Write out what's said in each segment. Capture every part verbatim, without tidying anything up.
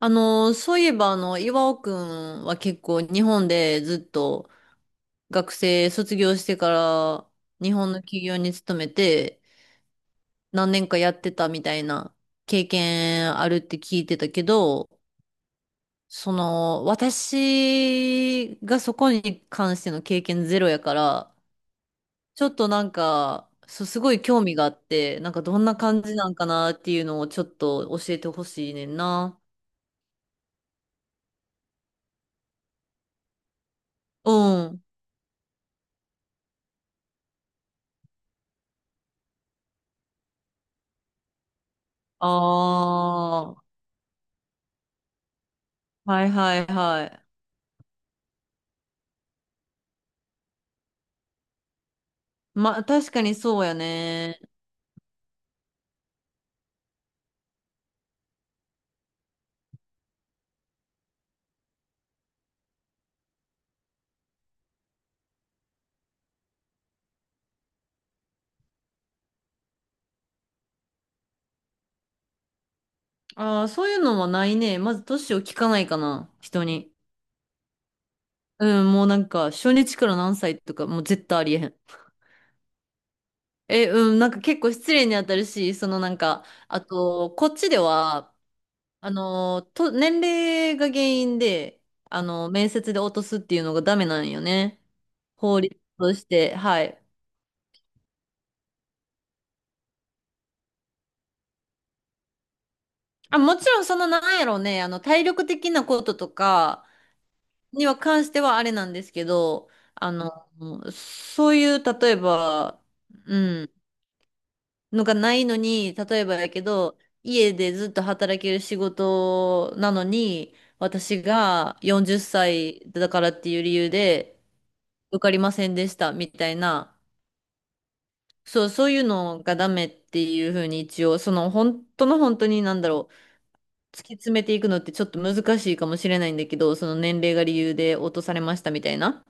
あの、そういえば、あの、岩尾くんは結構日本でずっと学生卒業してから日本の企業に勤めて何年かやってたみたいな経験あるって聞いてたけど、その、私がそこに関しての経験ゼロやから、ちょっとなんか、そうすごい興味があって、なんかどんな感じなんかなっていうのをちょっと教えてほしいねんな。うん。ああ。はいはいはい。まあ、確かにそうやね。ああ、そういうのはないね。まず年を聞かないかな、人に。うん、もうなんか、初日から何歳とか、もう絶対ありえへん。え、うん、なんか結構失礼に当たるし、そのなんか、あと、こっちでは、あの、と、年齢が原因で、あの、面接で落とすっていうのがダメなんよね。法律として、はい。あ、もちろんそのなんやろうね、あの、体力的なこととか、には関してはあれなんですけど、あの、そういう、例えば、うん、のがないのに、例えばやけど、家でずっと働ける仕事なのに、私がよんじゅっさいだからっていう理由で受かりませんでしたみたいな、そう、そういうのがダメっていうふうに一応、その本当の本当になんだろう、突き詰めていくのってちょっと難しいかもしれないんだけど、その年齢が理由で落とされましたみたいな。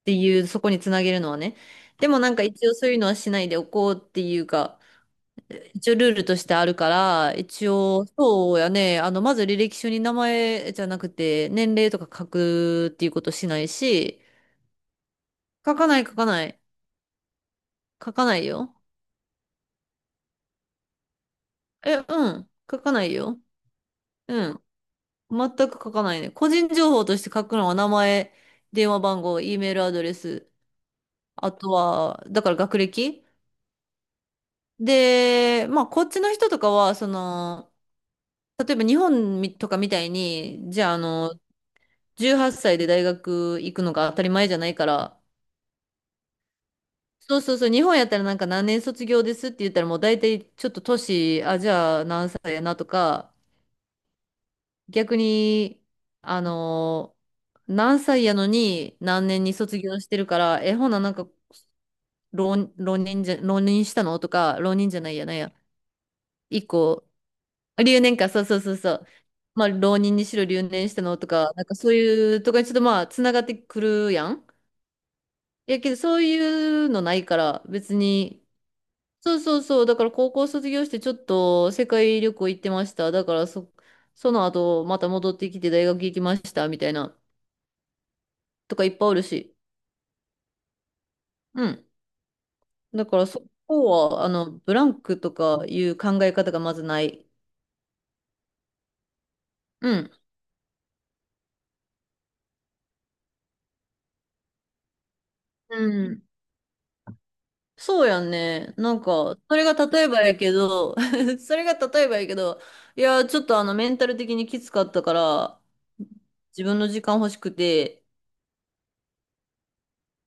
っていう、そこにつなげるのはね。でもなんか一応そういうのはしないでおこうっていうか、一応ルールとしてあるから、一応、そうやね、あの、まず履歴書に名前じゃなくて、年齢とか書くっていうことしないし、書かない書かない。書かないよ。え、うん。書かないよ。うん。全く書かないね。個人情報として書くのは名前、電話番号、E メールアドレス、あとは、だから学歴で、まあ、こっちの人とかは、その、例えば日本みとかみたいに、じゃあ、あの、じゅうはっさいで大学行くのが当たり前じゃないから、そうそうそう、日本やったらなんか何年卒業ですって言ったらもう大体ちょっと年、あ、じゃあ何歳やなとか、逆に、あの、何歳やのに何年に卒業してるから、え、ほななんか浪、浪人じゃ、浪人したのとか、浪人じゃないやなんや。一個留年か、そうそうそうそう。まあ、浪人にしろ留年したのとか、なんかそういうとかにちょっとまあ、つながってくるやん。いやけど、そういうのないから、別に。そうそうそう。だから高校卒業してちょっと世界旅行行ってました。だからそ、その後、また戻ってきて大学行きました、みたいな、とかいっぱいおるし。うん。だからそこは、あの、ブランクとかいう考え方がまずない。うん。うんそうやんね。なんか、それが例えばやけど、それが例えばやけど、いや、ちょっとあの、メンタル的にきつかったから、自分の時間欲しくて、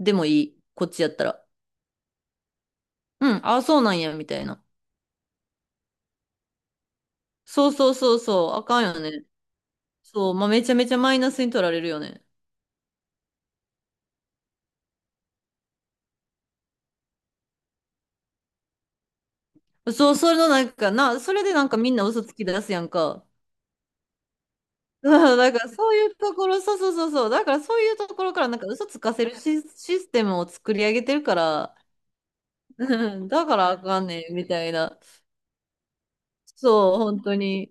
でもいい。こっちやったら。うん、あそうなんや、みたいな。そうそうそうそう、あかんよね。そう、まあ、めちゃめちゃマイナスに取られるよね。そう、それのなんか、な、それでなんかみんな嘘つき出すやんか。そうだからそういうところ、そうそうそうそう、だからそういうところからなんか嘘つかせるシ、システムを作り上げてるから、うん、だからあかんねん、みたいな。そう、本当に。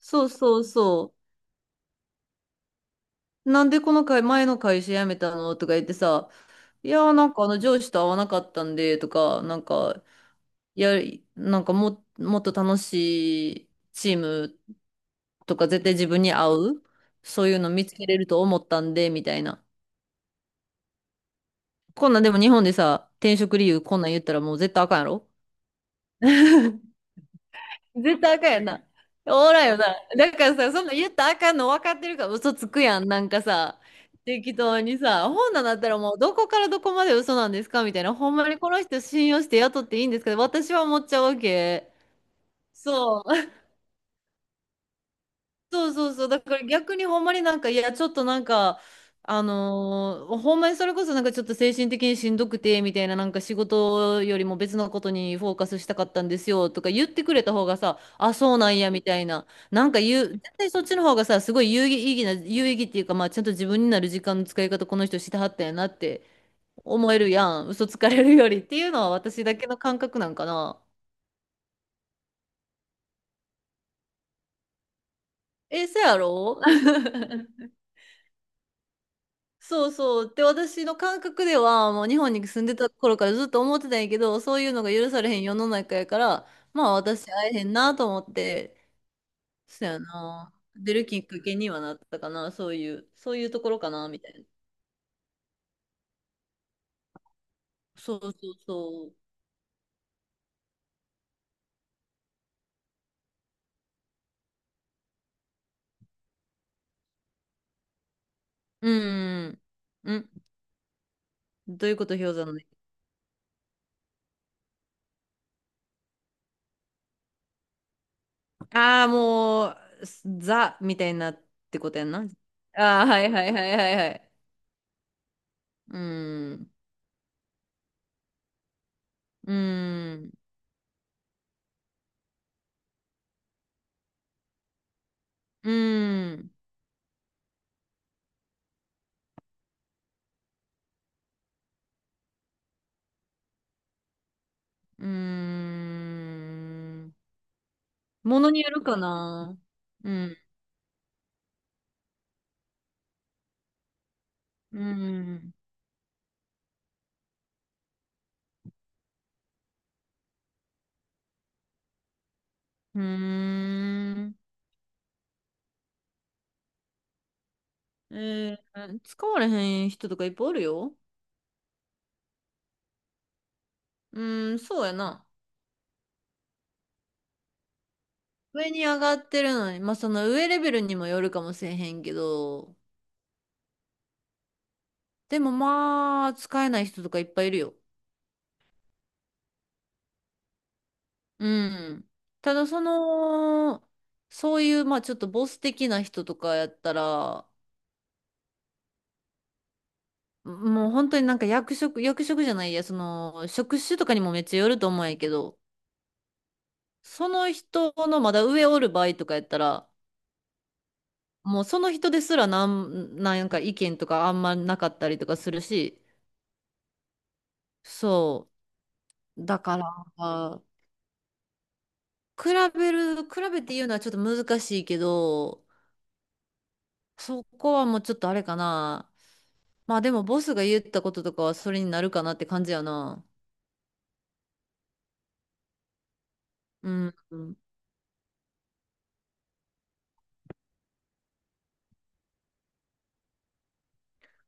そうそうそう。なんでこの会、前の会社辞めたのとか言ってさ、いやーなんかあの上司と会わなかったんで、とか、なんか、やなんかも、もっと楽しいチームとか絶対自分に合う、そういうの見つけれると思ったんで、みたいな。こんなんでも日本でさ、転職理由こんなん言ったらもう絶対あかんやろ。 絶対あかんやんな。おらんよな。だからさ、そんなん言ったらあかんの分かってるから嘘つくやん。なんかさ、適当にさ、本なんだったらもうどこからどこまで嘘なんですかみたいな。ほんまにこの人信用して雇っていいんですか、私は思っちゃうわけ。そう。そうそうそう。だから逆にほんまになんか、いや、ちょっとなんか、あのーほんまにそれこそなんかちょっと精神的にしんどくて、みたいな、なんか仕事よりも別のことにフォーカスしたかったんですよ、とか言ってくれた方がさ、あ、そうなんや、みたいな。なんか言う、絶対そっちの方がさ、すごい有意義な、有意義っていうか、まあちゃんと自分になる時間の使い方、この人してはったんやなって思えるやん。嘘つかれるよりっていうのは私だけの感覚なんかな。え、そやろ。 そうそう。で、私の感覚では、もう日本に住んでた頃からずっと思ってたんやけど、そういうのが許されへん世の中やから、まあ私会えへんなと思って、そうやな。出るきっかけにはなったかな、そういう、そういうところかな、みたいな。そうそうそう。うん。うん。どういうこと氷山のね。ああ、もう、すザみたいになってことやんな。ああ、はいはいはいはいはい。うん。うん。うん。うーん。ものによるかな。うん。うん。うーん。えー、使われへん人とかいっぱいおるよ。うーん、そうやな。上に上がってるのに、まあその上レベルにもよるかもしれへんけど、でもまあ、使えない人とかいっぱいいるよ。うん。ただその、そういう、まあちょっとボス的な人とかやったら、もう本当になんか役職、役職じゃないや、その、職種とかにもめっちゃよると思うんやけど、その人のまだ上おる場合とかやったら、もうその人ですらなん、なんか意見とかあんまなかったりとかするし、そう。だから、比べる、比べて言うのはちょっと難しいけど、そこはもうちょっとあれかな。まあでもボスが言ったこととかはそれになるかなって感じやな。うん。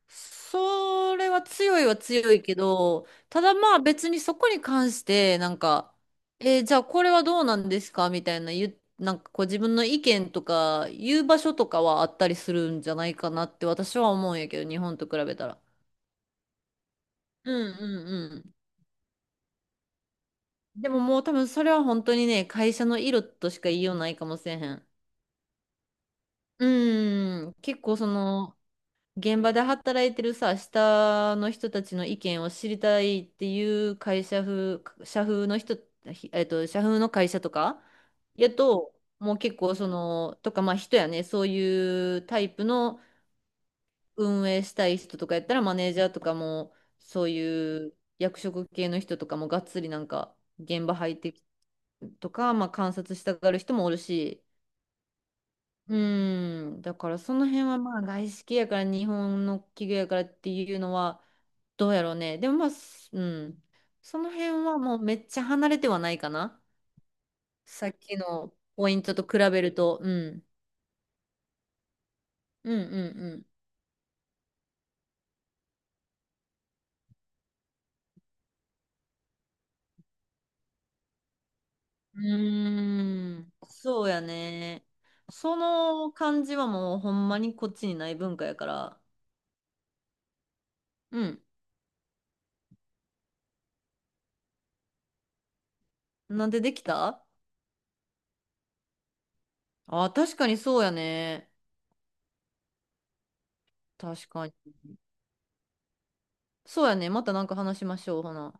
それは強いは強いけど、ただまあ別にそこに関して、なんか、えーじゃあこれはどうなんですかみたいな言う、なんかこう自分の意見とか言う場所とかはあったりするんじゃないかなって私は思うんやけど、日本と比べたら。うんうんうん。でももう多分それは本当にね、会社の色としか言いようないかもしれへん。うーん、結構その、現場で働いてるさ、下の人たちの意見を知りたいっていう会社風、社風の人、ひえっと、社風の会社とか、やと、もう結構その、とか、まあ人やね、そういうタイプの運営したい人とかやったら、マネージャーとかも、そういう役職系の人とかもがっつりなんか、現場入ってきてとか、まあ観察したがる人もおるし、うーん、だからその辺はまあ外資系やから日本の企業やからっていうのは、どうやろうね。でもまあ、すうん。その辺はもうめっちゃ離れてはないかな。さっきのポイントと比べると。うん。うんうんうん。うーん。そうやね。その感じはもうほんまにこっちにない文化やから。うん。なんでできたあ、確かにそうやね。確かに。そうやね。またなんか話しましょう、ほな。